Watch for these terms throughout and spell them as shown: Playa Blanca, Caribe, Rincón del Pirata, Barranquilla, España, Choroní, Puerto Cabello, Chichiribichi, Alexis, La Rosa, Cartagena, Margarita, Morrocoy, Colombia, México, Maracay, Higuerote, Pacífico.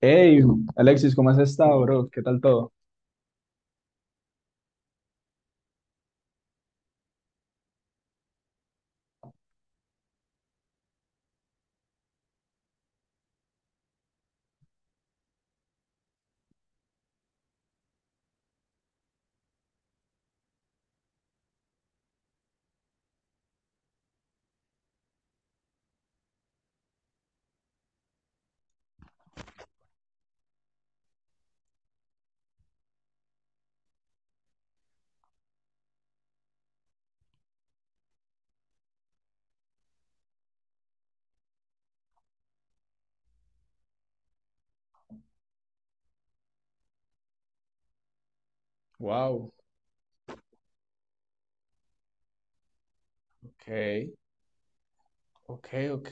Hey, Alexis, ¿cómo has estado, bro? ¿Qué tal todo? Wow, ok, ok, ok.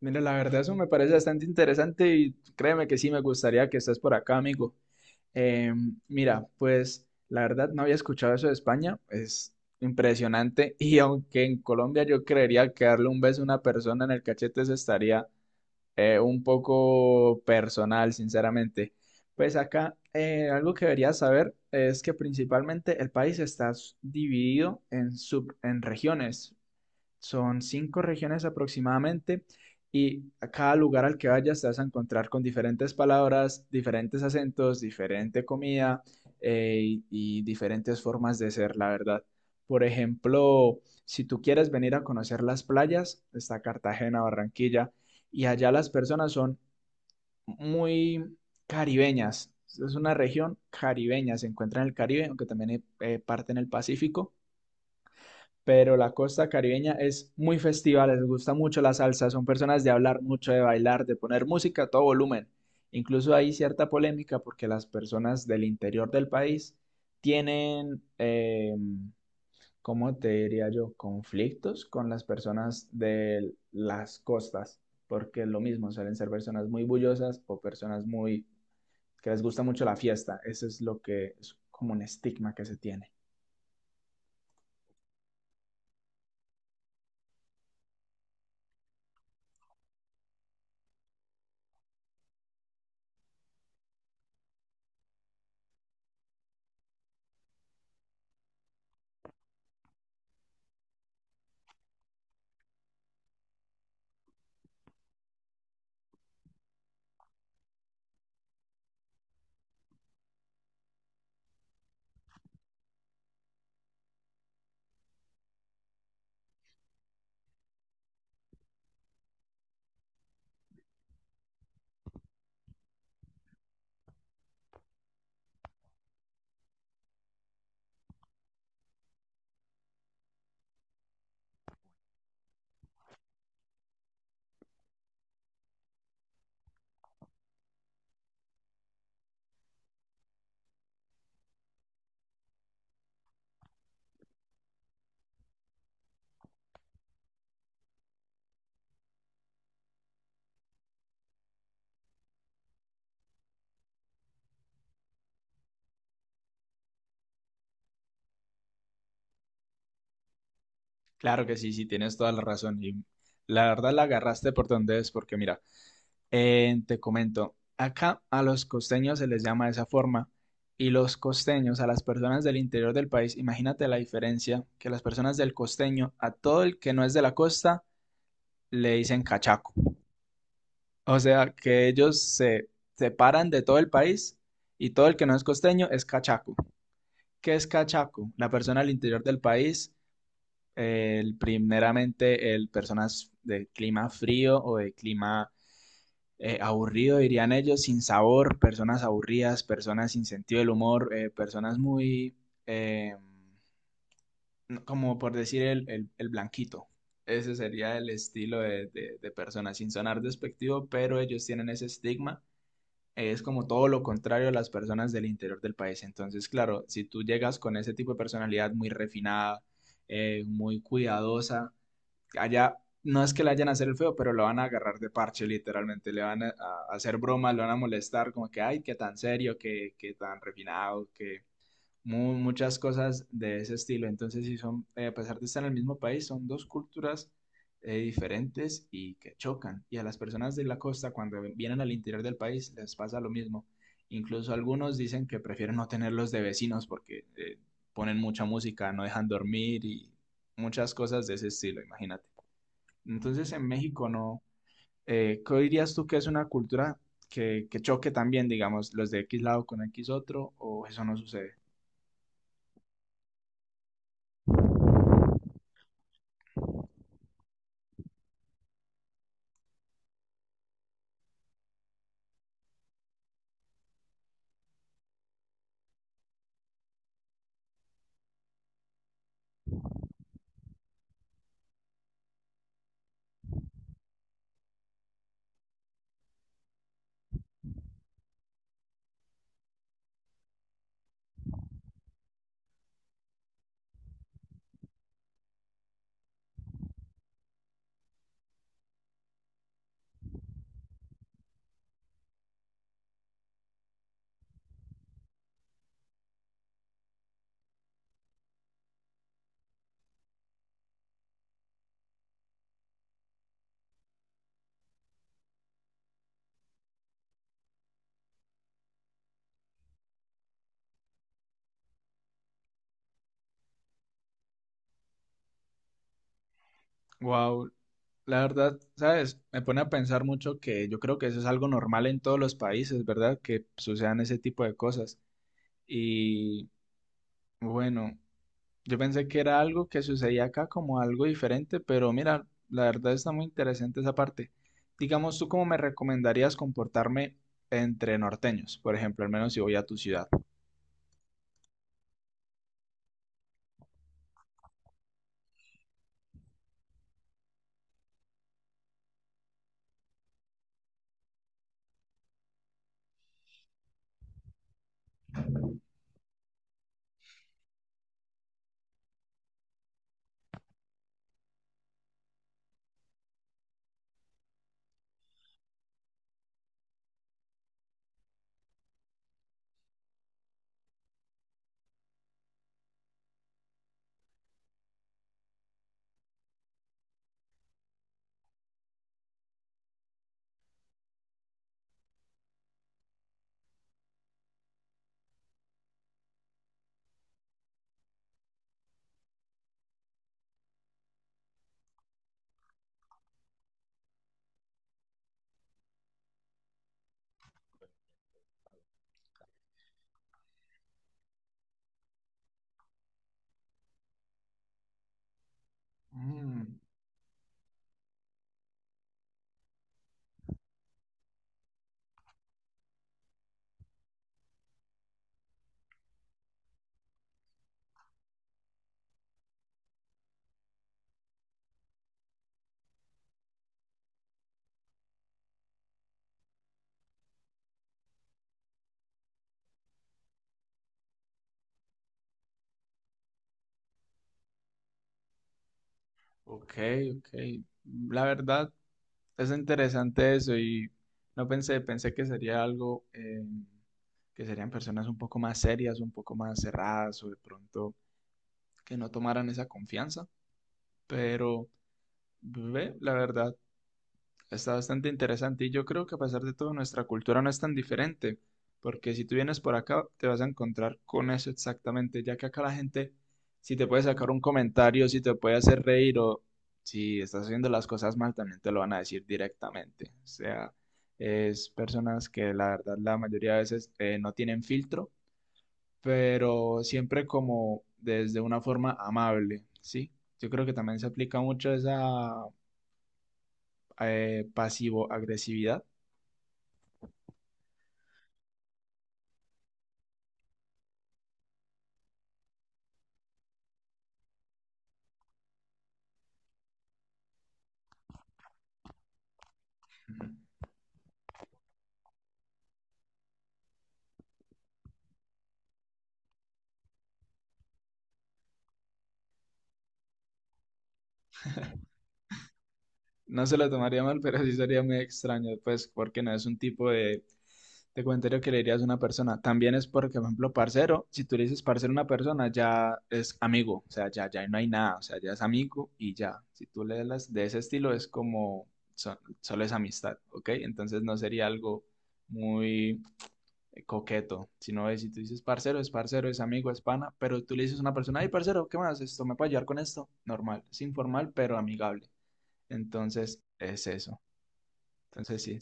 Mira, la verdad eso me parece bastante interesante y créeme que sí me gustaría que estés por acá, amigo. Eh, mira, pues la verdad no había escuchado eso de España, es impresionante y aunque en Colombia yo creería que darle un beso a una persona en el cachete se estaría un poco personal, sinceramente. Pues acá algo que deberías saber es que principalmente el país está dividido en en regiones. Son cinco regiones aproximadamente y a cada lugar al que vayas te vas a encontrar con diferentes palabras, diferentes acentos, diferente comida, y diferentes formas de ser, la verdad. Por ejemplo, si tú quieres venir a conocer las playas, está Cartagena, Barranquilla, y allá las personas son muy caribeñas. Es una región caribeña, se encuentra en el Caribe, aunque también hay parte en el Pacífico, pero la costa caribeña es muy festiva, les gusta mucho la salsa, son personas de hablar mucho, de bailar, de poner música a todo volumen. Incluso hay cierta polémica porque las personas del interior del país tienen, ¿cómo te diría yo?, conflictos con las personas de las costas, porque es lo mismo, suelen ser personas muy bullosas o personas muy que les gusta mucho la fiesta. Eso es lo que es como un estigma que se tiene. Claro que sí, sí, tienes toda la razón. Y la verdad la agarraste por donde es, porque mira, te comento, acá a los costeños se les llama de esa forma, y los costeños, a las personas del interior del país, imagínate la diferencia, que las personas del costeño, a todo el que no es de la costa, le dicen cachaco. O sea, que ellos se separan de todo el país, y todo el que no es costeño es cachaco. ¿Qué es cachaco? La persona al interior del país, el, primeramente el personas de clima frío o de clima aburrido, dirían ellos, sin sabor, personas aburridas, personas sin sentido del humor, personas muy, eh, no, como por decir, el blanquito. Ese sería el estilo de, de, personas, sin sonar despectivo, pero ellos tienen ese estigma, es como todo lo contrario a las personas del interior del país. Entonces, claro, si tú llegas con ese tipo de personalidad muy refinada, muy cuidadosa, allá no es que le hayan a hacer el feo, pero lo van a agarrar de parche, literalmente. Le van a hacer bromas, lo van a molestar, como que, ay, qué tan serio, qué tan refinado, que muchas cosas de ese estilo. Entonces, sí son, a pesar de estar en el mismo país, son dos culturas diferentes y que chocan. Y a las personas de la costa, cuando vienen al interior del país, les pasa lo mismo. Incluso algunos dicen que prefieren no tenerlos de vecinos porque ponen mucha música, no dejan dormir y muchas cosas de ese estilo, imagínate. Entonces en México no. ¿Qué dirías tú que es una cultura que, choque también, digamos, los de X lado con X otro, o eso no sucede? Wow, la verdad, ¿sabes? Me pone a pensar mucho que yo creo que eso es algo normal en todos los países, ¿verdad? Que sucedan ese tipo de cosas. Y bueno. Yo pensé que era algo que sucedía acá como algo diferente, pero mira, la verdad está muy interesante esa parte. Digamos, ¿tú cómo me recomendarías comportarme entre norteños, por ejemplo, al menos si voy a tu ciudad? Mm, ok, ok. La verdad es interesante eso, y no pensé, pensé que sería algo, que serían personas un poco más serias, un poco más cerradas o de pronto que no tomaran esa confianza, pero ve, la verdad. Está bastante interesante y yo creo que a pesar de todo nuestra cultura no es tan diferente, porque si tú vienes por acá te vas a encontrar con eso exactamente, ya que acá la gente si te puede sacar un comentario, si te puede hacer reír o si estás haciendo las cosas mal también te lo van a decir directamente. O sea, es personas que la verdad la mayoría de veces no tienen filtro, pero siempre como desde una forma amable, ¿sí? Yo creo que también se aplica mucho esa, pasivo-agresividad. No se lo tomaría mal, pero sí sería muy extraño, pues, porque no es un tipo de, comentario que le dirías a una persona. También es porque, por ejemplo, parcero, si tú le dices parcero a una persona, ya es amigo, o sea, ya no hay nada, o sea, ya es amigo y ya. Si tú le das de ese estilo, es como, solo es amistad, ¿ok? Entonces no sería algo muy, coqueto, sino si tú dices parcero, es amigo, es pana, pero tú le dices a una persona, ay, parcero, ¿qué más? Esto me puede ayudar con esto. Normal, es informal, pero amigable. Entonces, es eso. Entonces, sí.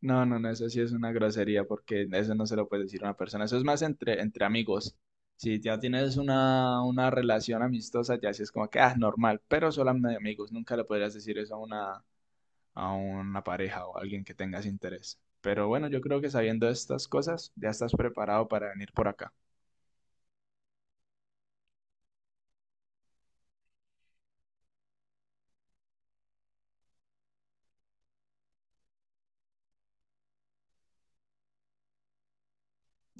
No, no, no, eso sí es una grosería, porque eso no se lo puede decir a una persona. Eso es más entre, amigos. Si ya tienes una, relación amistosa, ya sí es como que, ah, normal, pero solo de amigos. Nunca le podrías decir eso a una, pareja o a alguien que tengas interés. Pero bueno, yo creo que sabiendo estas cosas, ya estás preparado para venir por acá.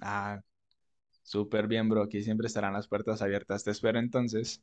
Ah, súper bien, bro. Aquí siempre estarán las puertas abiertas. Te espero entonces.